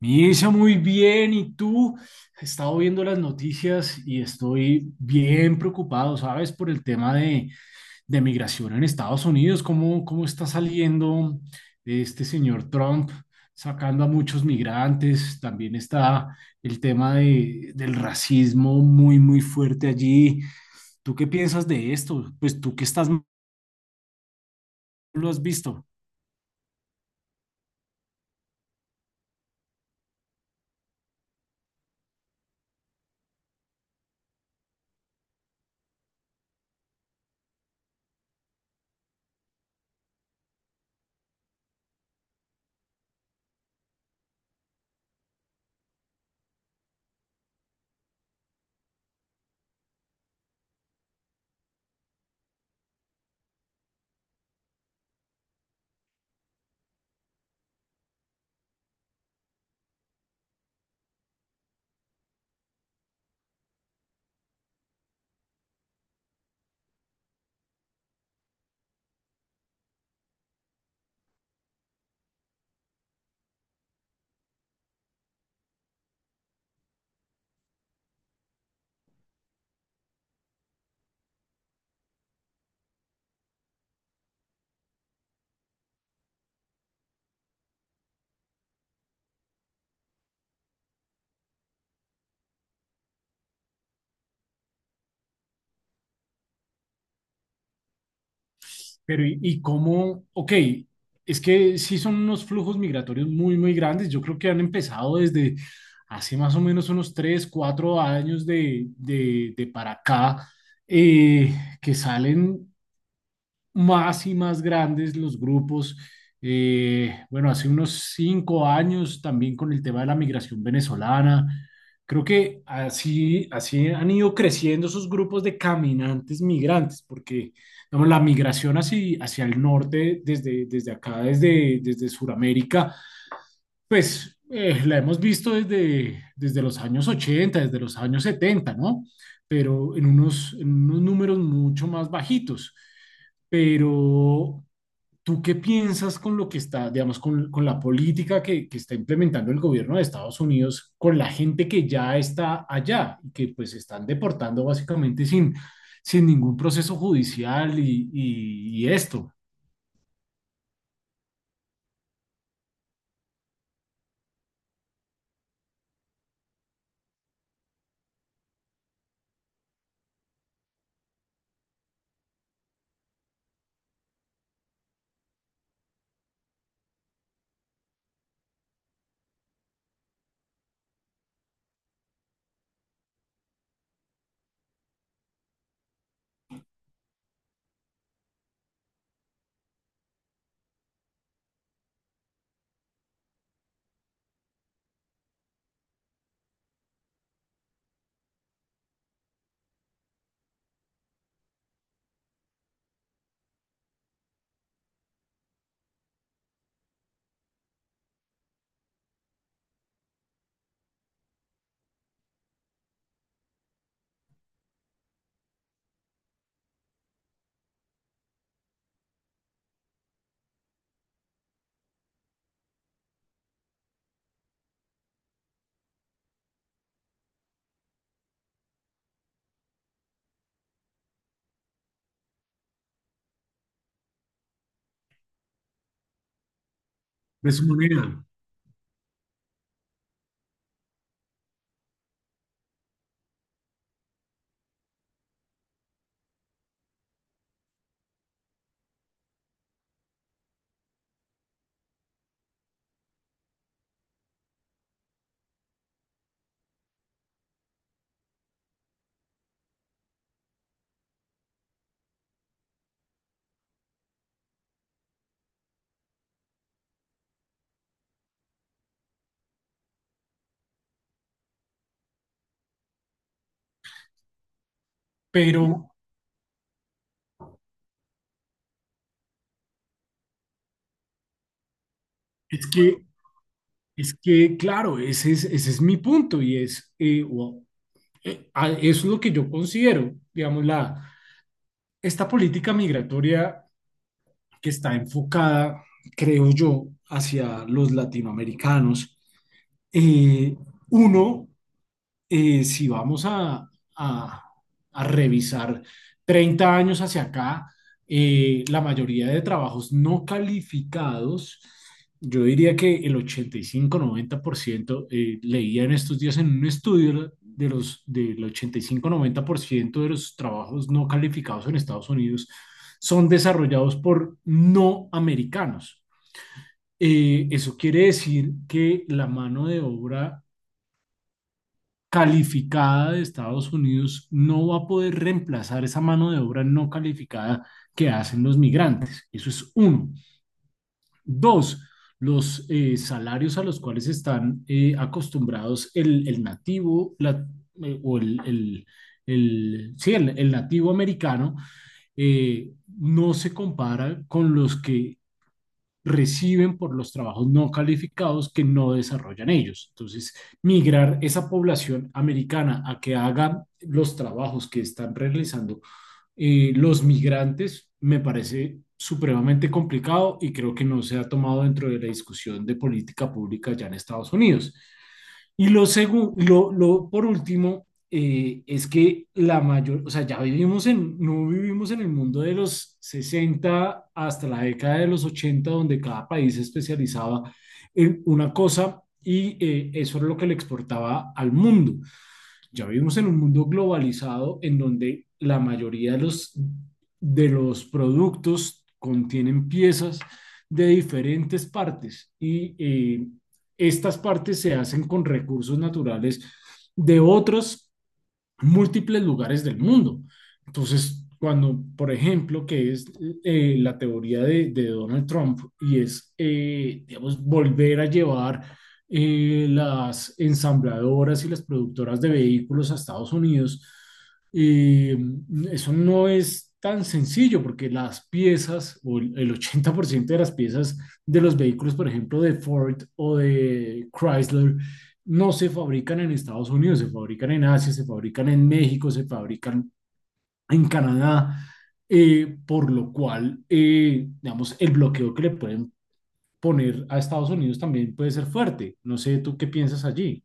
Misa, muy bien. ¿Y tú? He estado viendo las noticias y estoy bien preocupado, ¿sabes? Por el tema de migración en Estados Unidos. ¿Cómo está saliendo este señor Trump sacando a muchos migrantes? También está el tema del racismo muy fuerte allí. ¿Tú qué piensas de esto? Pues tú que estás, lo has visto. Pero y cómo? Ok, es que sí son unos flujos migratorios muy grandes. Yo creo que han empezado desde hace más o menos unos 3 4 años de para acá, eh, que salen más y más grandes los grupos. Bueno, hace unos cinco años también con el tema de la migración venezolana. Creo que así han ido creciendo esos grupos de caminantes migrantes, porque digamos, la migración hacia el norte, desde acá, desde Sudamérica, pues la hemos visto desde los años 80, desde los años 70, ¿no? Pero en unos números mucho más bajitos. Pero, ¿tú qué piensas con lo que está, digamos, con la política que está implementando el gobierno de Estados Unidos, con la gente que ya está allá y que pues están deportando básicamente sin ningún proceso judicial y esto, de su manera? Pero es que es que, claro, ese es mi punto y es, wow, eso es lo que yo considero, digamos, la, esta política migratoria que está enfocada, creo yo, hacia los latinoamericanos. eh, uno, si vamos a- a revisar 30 años hacia acá, la mayoría de trabajos no calificados, yo diría que el 85-90%, leía en estos días en un estudio del 85-90% de los trabajos no calificados en Estados Unidos son desarrollados por no americanos. Eso quiere decir que la mano de obra calificada de Estados Unidos no va a poder reemplazar esa mano de obra no calificada que hacen los migrantes. Eso es uno. Dos, los salarios a los cuales están acostumbrados el nativo la- o el- sí, el nativo americano, no se compara con los que reciben por los trabajos no calificados que no desarrollan ellos. Entonces, migrar esa población americana a que haga los trabajos que están realizando los migrantes me parece supremamente complicado y creo que no se ha tomado dentro de la discusión de política pública ya en Estados Unidos. Y lo segundo, por último, es que la mayor, o sea, ya vivimos en, no vivimos en el mundo de los 60 hasta la década de los 80 donde cada país se especializaba en una cosa y eso era lo que le exportaba al mundo. Ya vivimos en un mundo globalizado en donde la mayoría de los productos contienen piezas de diferentes partes y estas partes se hacen con recursos naturales de otros múltiples lugares del mundo. Entonces, cuando, por ejemplo, que es la teoría de Donald Trump y es, digamos, volver a llevar las ensambladoras y las productoras de vehículos a Estados Unidos, eh, eso no es tan sencillo porque las piezas o el 80% de las piezas de los vehículos, por ejemplo, de Ford o de Chrysler, no se fabrican en Estados Unidos, se fabrican en Asia, se fabrican en México, se fabrican en Canadá, por lo cual, digamos, el bloqueo que le pueden poner a Estados Unidos también puede ser fuerte. No sé, ¿tú qué piensas allí?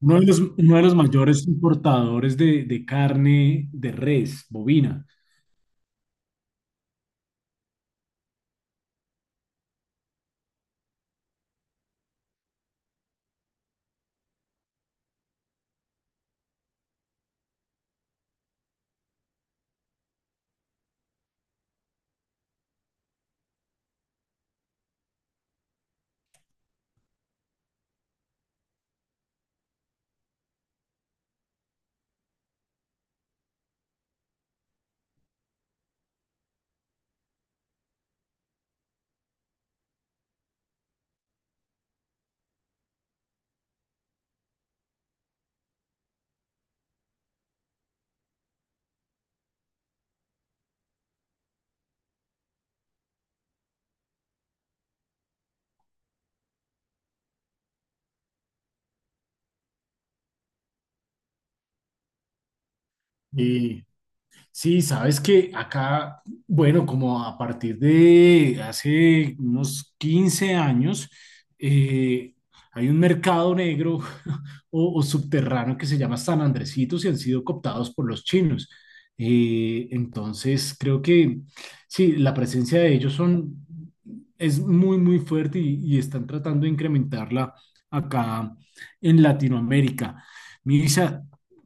Uno de los mayores importadores de carne de res, bovina. Sí, sabes que acá, bueno, como a partir de hace unos 15 años, eh, hay un mercado negro o subterráneo que se llama San Andresitos y han sido cooptados por los chinos. Entonces, creo que sí, la presencia de ellos son, es muy fuerte y están tratando de incrementarla acá en Latinoamérica. Mirisa,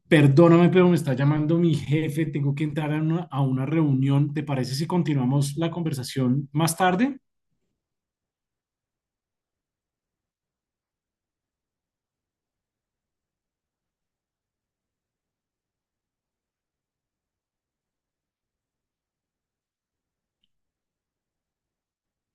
perdóname, pero me está llamando mi jefe. Tengo que entrar a una reunión. ¿Te parece si continuamos la conversación más tarde?